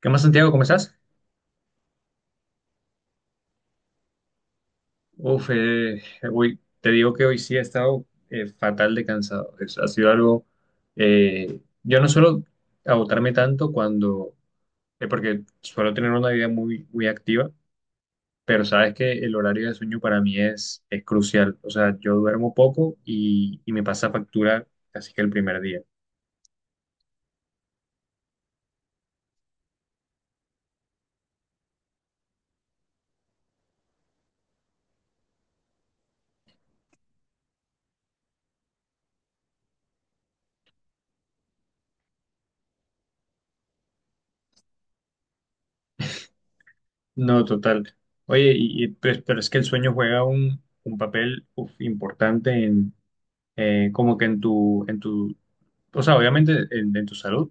¿Qué más, Santiago? ¿Cómo estás? Uf, eh, hoy, te digo que hoy sí he estado fatal de cansado. Ha sido algo. Yo no suelo agotarme tanto cuando. Porque suelo tener una vida muy, muy activa, pero sabes que el horario de sueño para mí es crucial. O sea, yo duermo poco y me pasa factura casi que el primer día. No, total. Oye, pues, pero es que el sueño juega un papel uf, importante en... como que en en tu o sea, obviamente en tu salud,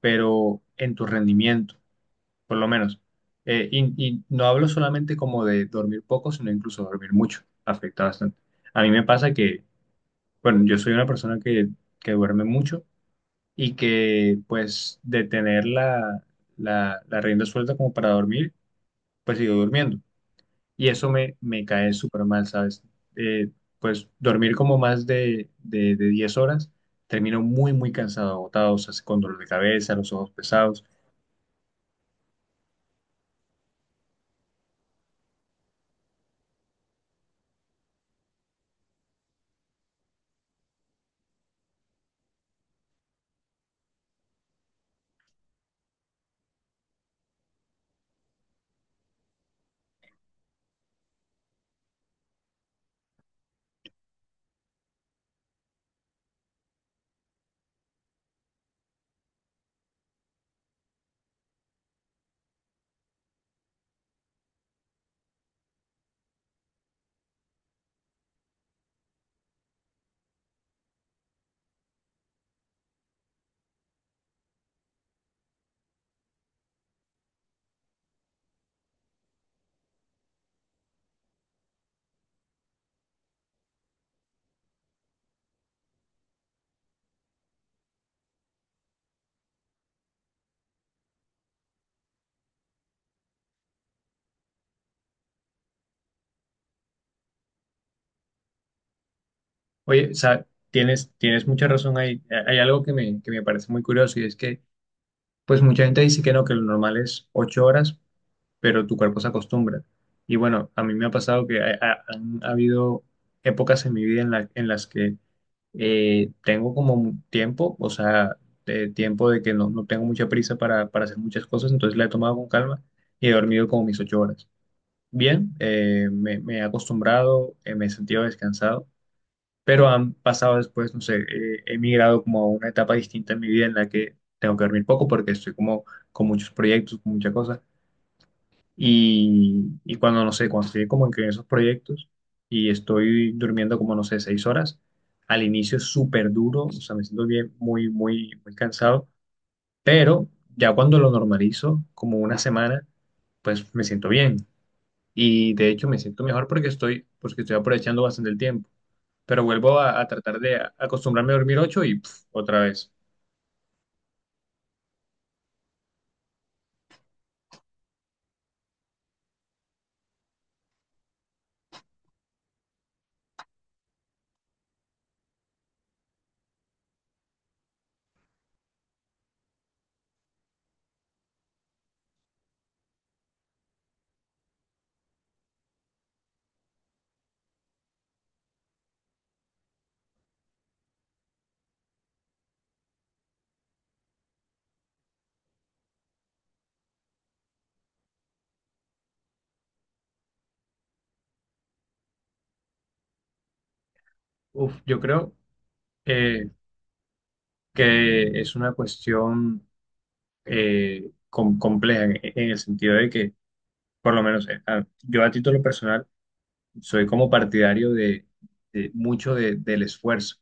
pero en tu rendimiento, por lo menos. Y no hablo solamente como de dormir poco, sino incluso dormir mucho, afecta bastante. A mí me pasa que, bueno, yo soy una persona que duerme mucho y que pues de tener la rienda suelta como para dormir, pues sigo durmiendo. Y eso me cae súper mal, ¿sabes? Eh, pues dormir como más de 10 horas, termino muy, muy cansado, agotado, o sea, con dolor de cabeza, los ojos pesados. Oye, o sea, tienes, tienes mucha razón ahí. Hay algo que me parece muy curioso y es que, pues mucha gente dice que no, que lo normal es 8 horas, pero tu cuerpo se acostumbra. Y bueno, a mí me ha pasado que han habido épocas en mi vida en las que tengo como un tiempo, o sea, de tiempo de que no, no tengo mucha prisa para hacer muchas cosas, entonces la he tomado con calma y he dormido como mis ocho horas. Bien, me, me he acostumbrado, me he sentido descansado, pero han pasado después, no sé, he migrado como a una etapa distinta en mi vida en la que tengo que dormir poco porque estoy como con muchos proyectos, con muchas cosas. Y cuando, no sé, cuando estoy como en esos proyectos y estoy durmiendo como, no sé, seis horas, al inicio es súper duro, o sea, me siento bien, muy, muy, muy cansado, pero ya cuando lo normalizo, como una semana, pues me siento bien. Y de hecho me siento mejor porque estoy aprovechando bastante el tiempo. Pero vuelvo a tratar de acostumbrarme a dormir ocho y pf, otra vez. Uf, yo creo eh, que es una cuestión compleja en el sentido de que, por lo menos yo a título personal, soy como partidario de mucho del esfuerzo.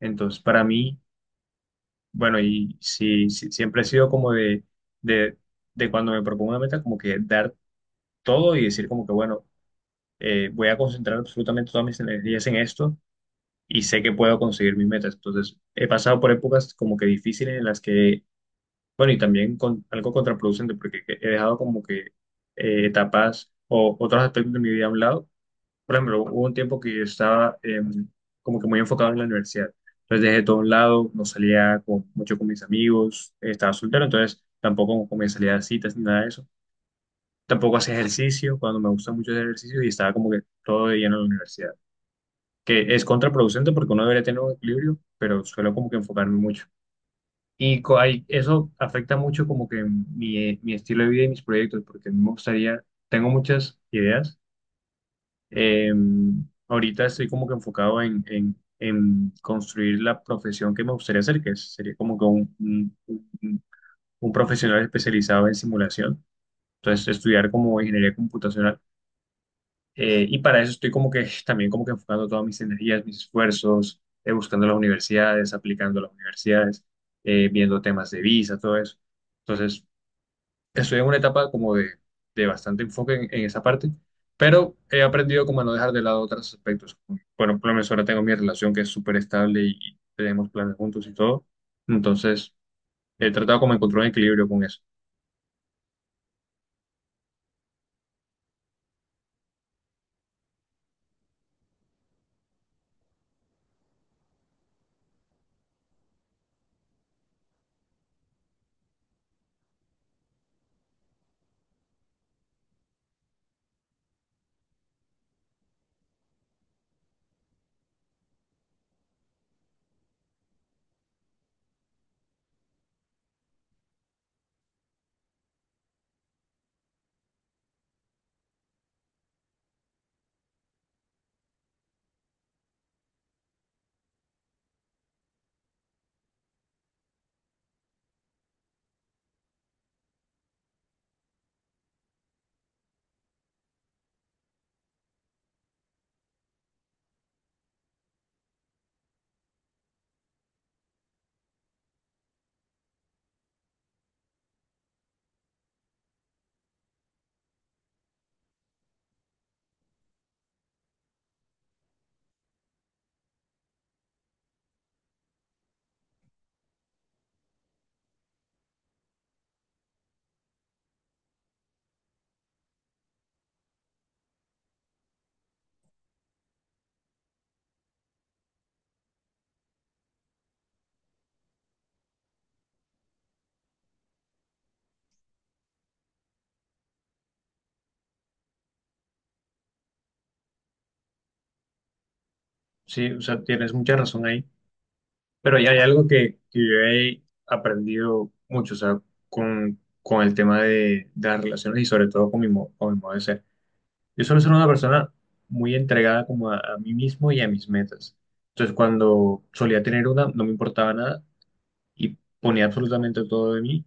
Entonces, para mí, bueno, y sí, sí, siempre he sido como de, de cuando me propongo una meta, como que dar todo y decir como que, bueno, voy a concentrar absolutamente todas mis energías en esto y sé que puedo conseguir mis metas. Entonces, he pasado por épocas como que difíciles en las que bueno, y también con, algo contraproducente, porque he dejado como que etapas o otros aspectos de mi vida a un lado. Por ejemplo, hubo un tiempo que yo estaba como que muy enfocado en la universidad. Entonces dejé todo a un lado, no salía mucho con mis amigos, estaba soltero, entonces tampoco como que me salía a citas ni nada de eso. Tampoco hacía ejercicio, cuando me gusta mucho hacer ejercicio, y estaba como que todo de lleno en la universidad. Que es contraproducente porque uno debería tener un equilibrio, pero suelo como que enfocarme mucho. Y eso afecta mucho como que mi estilo de vida y mis proyectos, porque a mí me gustaría, tengo muchas ideas. Eh, Ahorita estoy como que enfocado en construir la profesión que me gustaría hacer, que sería como que un- un profesional especializado en simulación. Entonces, estudiar como ingeniería computacional. Y para eso estoy como que también como que enfocando todas mis energías, mis esfuerzos, buscando las universidades, aplicando a las universidades, viendo temas de visa, todo eso. Entonces, estoy en una etapa como de bastante enfoque en esa parte, pero he aprendido como a no dejar de lado otros aspectos. Bueno, por lo menos ahora tengo mi relación que es súper estable y tenemos planes juntos y todo, entonces he tratado como de encontrar un equilibrio con eso. Sí, o sea, tienes mucha razón ahí, pero ya hay algo que yo he aprendido mucho, o sea, con el tema de las relaciones y sobre todo con con mi modo de ser. Yo suelo ser una persona muy entregada como a mí mismo y a mis metas. Entonces, cuando solía tener una, no me importaba nada y ponía absolutamente todo de mí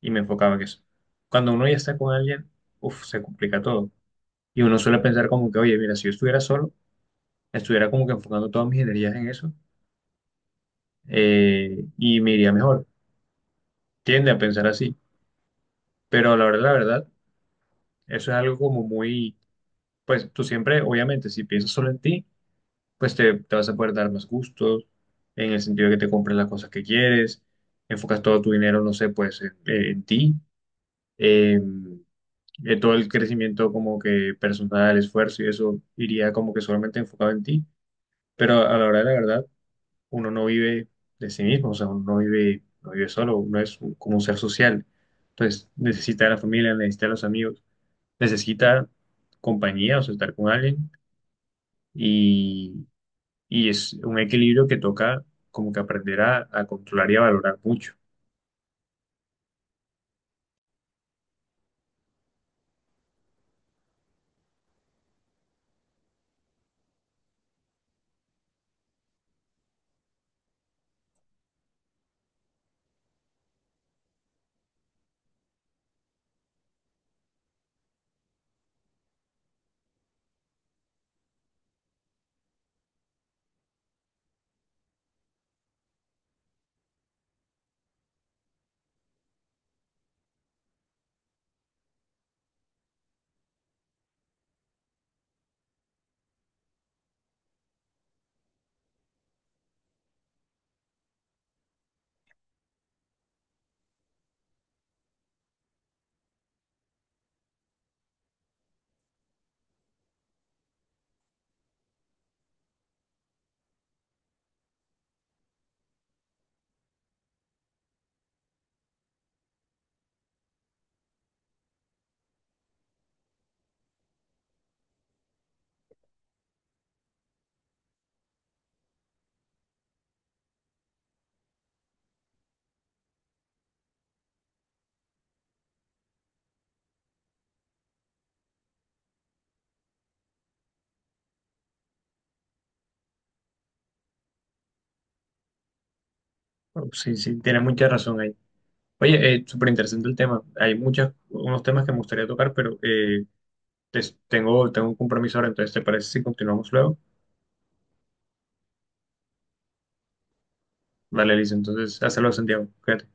y me enfocaba en eso. Cuando uno ya está con alguien, uff, se complica todo. Y uno suele pensar como que, oye, mira, si yo estuviera solo, estuviera como que enfocando todas mis energías en eso y me iría mejor. Tiende a pensar así. Pero la verdad, eso es algo como muy, pues tú siempre, obviamente, si piensas solo en ti, pues te vas a poder dar más gustos, en el sentido de que te compres las cosas que quieres, enfocas todo tu dinero, no sé, pues en ti, eh, todo el crecimiento como que personal, esfuerzo y eso iría como que solamente enfocado en ti, pero a la hora de la verdad, uno no vive de sí mismo, o sea, uno no vive, no vive solo, uno es como un ser social, entonces necesita a la familia, necesita a los amigos, necesita compañía, o sea, estar con alguien. Y es un equilibrio que toca como que aprender a controlar y a valorar mucho. Bueno, sí, sí, tiene mucha razón ahí. Oye, súper interesante el tema. Hay muchos, unos temas que me gustaría tocar, pero tengo, tengo un compromiso ahora, entonces ¿te parece si continuamos luego? Vale, Liz, entonces, hazlo, Santiago. Cuídate.